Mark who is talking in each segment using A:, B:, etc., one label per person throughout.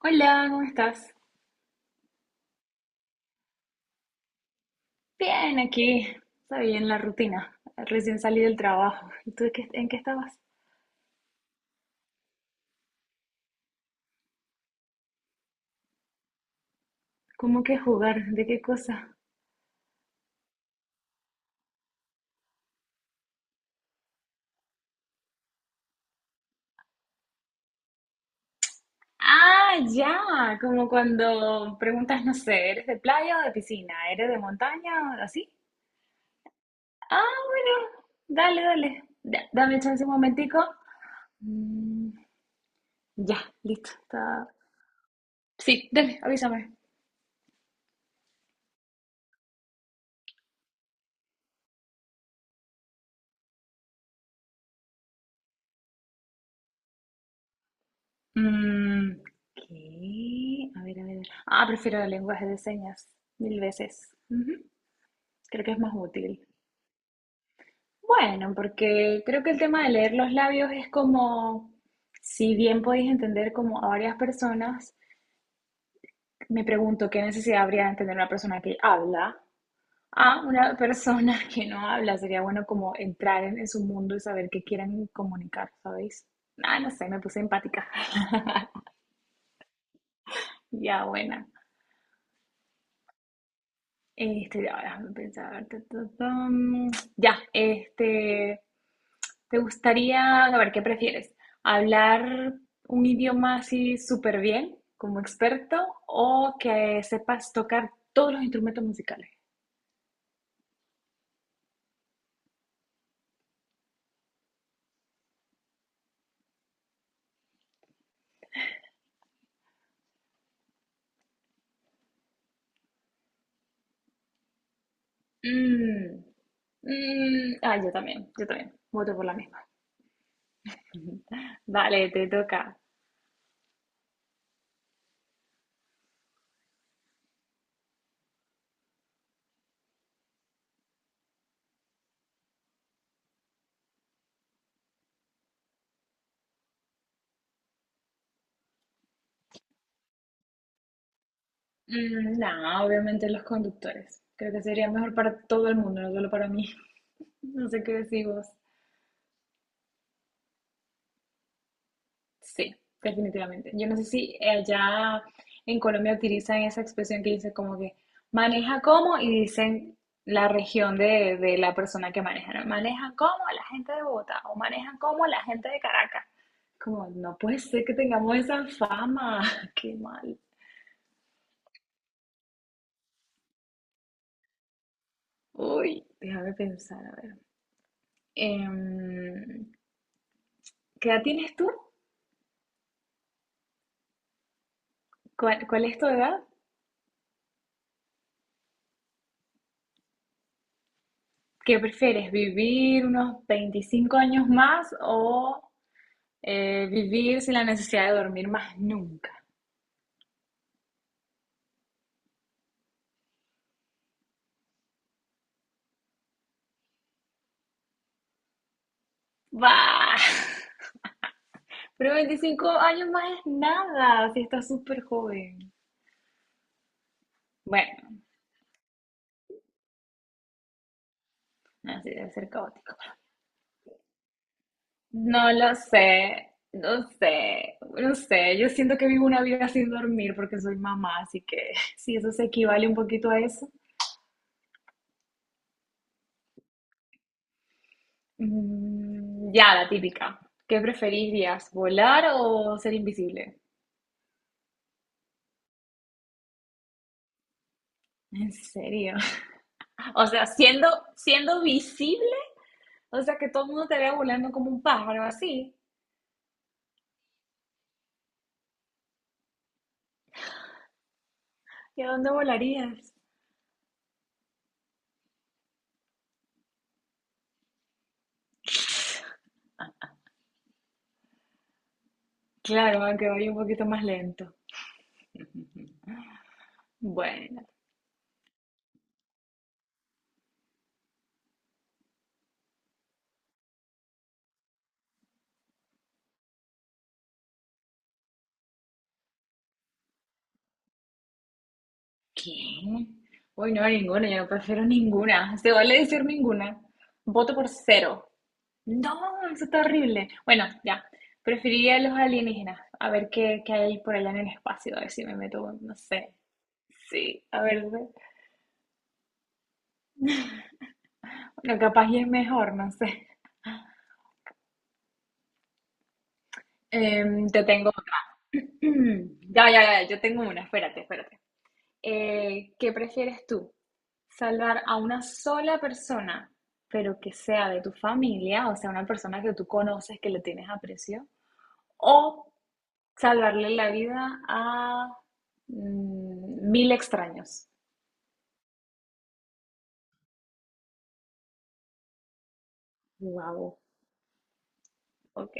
A: Hola, ¿cómo estás? Bien, aquí. Está bien la rutina. Recién salí del trabajo. ¿Y tú en qué estabas? ¿Cómo que jugar? ¿De qué cosa? Ah, ya. Como cuando preguntas, no sé, ¿eres de playa o de piscina? ¿Eres de montaña o así? Ah, bueno. Dale, dale. Dame chance un momentico. Mm, ya, listo. Está. Sí, dale, avísame. Mm, ¿Qué? A ver, a ver. A ver. Ah, prefiero el lenguaje de señas 1000 veces. Ujú. Creo que es más útil. Bueno, porque creo que el tema de leer los labios es como, si bien podéis entender como a varias personas, me pregunto qué necesidad habría de entender una persona que habla a una persona que no habla. Sería bueno como entrar en su mundo y saber qué quieren comunicar, ¿sabéis? Ah, no sé, me puse empática. Ya, buena. Este, ya, déjame pensar. Ta, ta, tam. Ya, este, ¿te gustaría, a ver, qué prefieres? ¿Hablar un idioma así súper bien, como experto, o que sepas tocar todos los instrumentos musicales? Mm, yo también, yo también. Voto por la misma. Vale, te toca. No, obviamente los conductores. Creo que sería mejor para todo el mundo, no solo para mí. No sé qué decís vos. Sí, definitivamente. Yo no sé si allá en Colombia utilizan esa expresión que dice como que maneja como y dicen la región de la persona que maneja, ¿no? Maneja como la gente de Bogotá o maneja como la gente de Caracas. Como, no puede ser que tengamos esa fama. Qué mal. Uy, déjame pensar, a ver. Em, ¿Qué edad tienes tú? ¿Cuál es tu edad? ¿Qué prefieres? ¿Vivir unos 25 años más o vivir sin la necesidad de dormir más nunca? ¡Bah! Pero 25 años más es nada, si estás súper joven. Bueno, así debe ser caótico. No lo sé, no sé, no sé. Yo siento que vivo una vida sin dormir porque soy mamá, así que si eso se equivale un poquito a eso. Ya, la típica. ¿Qué preferirías, volar o ser invisible? En serio. O sea, siendo visible. O sea, que todo el mundo te vea volando como un pájaro, así. ¿Y a dónde volarías? Claro, aunque vaya un poquito más lento. Bueno, ¿quién? Uy, no, ninguna, yo no prefiero ninguna. Se vale decir ninguna. Voto por cero. No, eso está horrible. Bueno, ya. Preferiría los alienígenas. A ver qué hay por allá en el espacio. A ver si me meto, no sé. Sí, a ver. Bueno, capaz y es mejor, no sé. Te tengo otra. Ya, ya, ya, yo tengo una, espérate, espérate. ¿Qué prefieres tú? ¿Salvar a una sola persona, pero que sea de tu familia, o sea, una persona que tú conoces, que le tienes aprecio? ¿O salvarle la vida a mil extraños? Wow. Ok.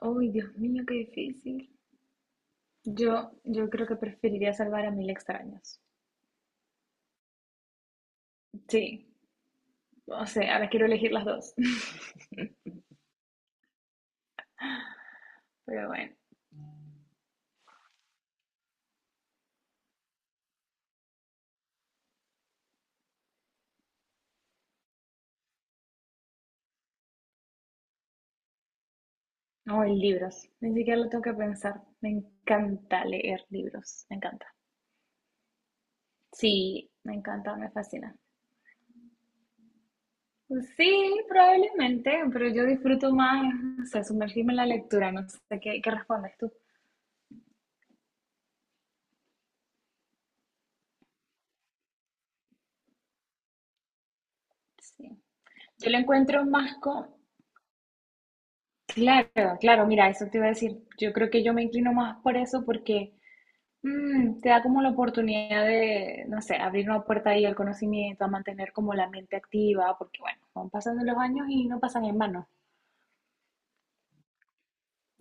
A: Uy, Dios mío, qué difícil. Yo creo que preferiría salvar a 1000 extraños. Sí, o sea, ahora quiero elegir las dos. Pero bueno, no hoy libros, ni siquiera lo tengo que pensar. Me encanta leer libros, me encanta. Sí, me encanta, me fascina. Pues sí, probablemente, pero yo disfruto más, o sea, sumergirme en la lectura, no sé qué respondes tú. Sí. Yo lo encuentro más con. Claro, claro, mira, eso te iba a decir. Yo creo que yo me inclino más por eso porque te da como la oportunidad de, no sé, abrir una puerta ahí al conocimiento, a mantener como la mente activa, porque bueno, van pasando los años y no pasan en vano.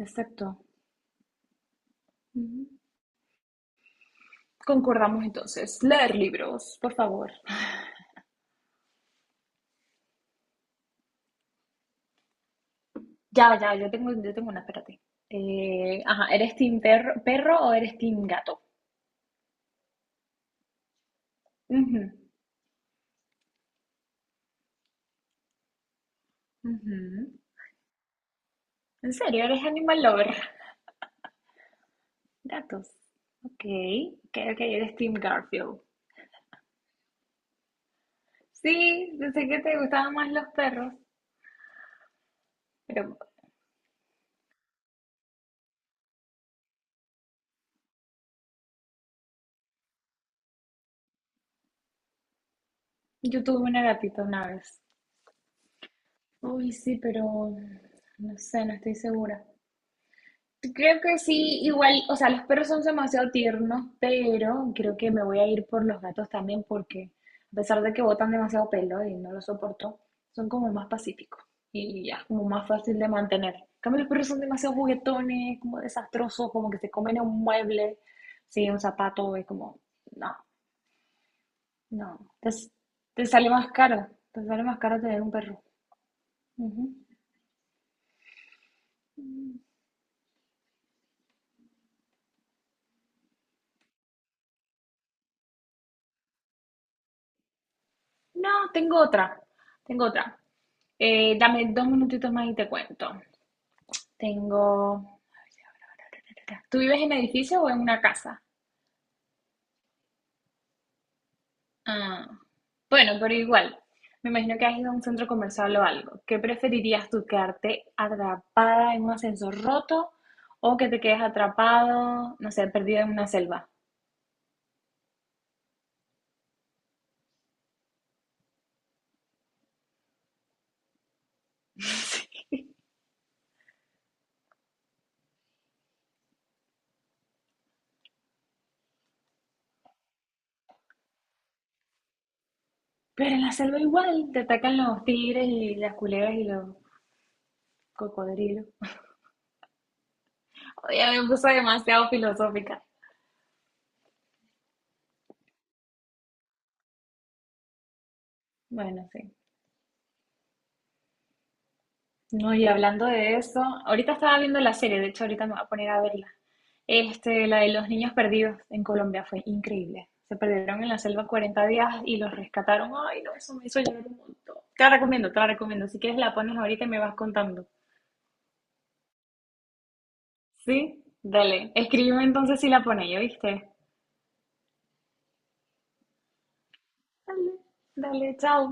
A: Exacto. Ujú. Concordamos entonces. Leer libros, por favor. Ya, ya, yo tengo una, espérate. Ajá, ¿eres team perro, perro o eres team gato? Ujú, ujú. ¿En serio? ¿Eres animal lover? Gatos. Ok, ok, ok, eres team Garfield. Sí, pensé que te gustaban más los perros, pero yo tuve una gatita una vez. Uy, sí, pero no sé, no estoy segura. Creo que sí, igual, o sea, los perros son demasiado tiernos, pero creo que me voy a ir por los gatos también porque a pesar de que botan demasiado pelo y no lo soporto, son como más pacíficos y ya, como más fácil de mantener. En cambio, los perros son demasiado juguetones, como desastrosos, como que se comen un mueble, sí, un zapato, es como, no, no, te sale más caro, te sale más caro tener un perro. Ujú. No, tengo otra. Tengo otra. Dame 2 minutitos más y te cuento. Tengo. ¿Tú vives en edificio o en una casa? Ah, bueno, pero igual. Me imagino que has ido a un centro comercial o algo. ¿Qué preferirías tú, quedarte atrapada en un ascensor roto o que te quedes atrapado, no sé, perdido en una selva? Pero en la selva igual te atacan los tigres y las culebras y los cocodrilos. Ya me puse demasiado filosófica. Bueno, sí. No, y hablando de eso, ahorita estaba viendo la serie, de hecho ahorita me voy a poner a verla. Este, la de los niños perdidos en Colombia fue increíble. Se perdieron en la selva 40 días y los rescataron. Ay, no, eso me hizo llorar un montón. Te la recomiendo, te la recomiendo. Si quieres la pones ahorita y me vas contando. ¿Sí? Dale. Escríbeme entonces si la pones, ¿ya viste? Dale, dale, chao.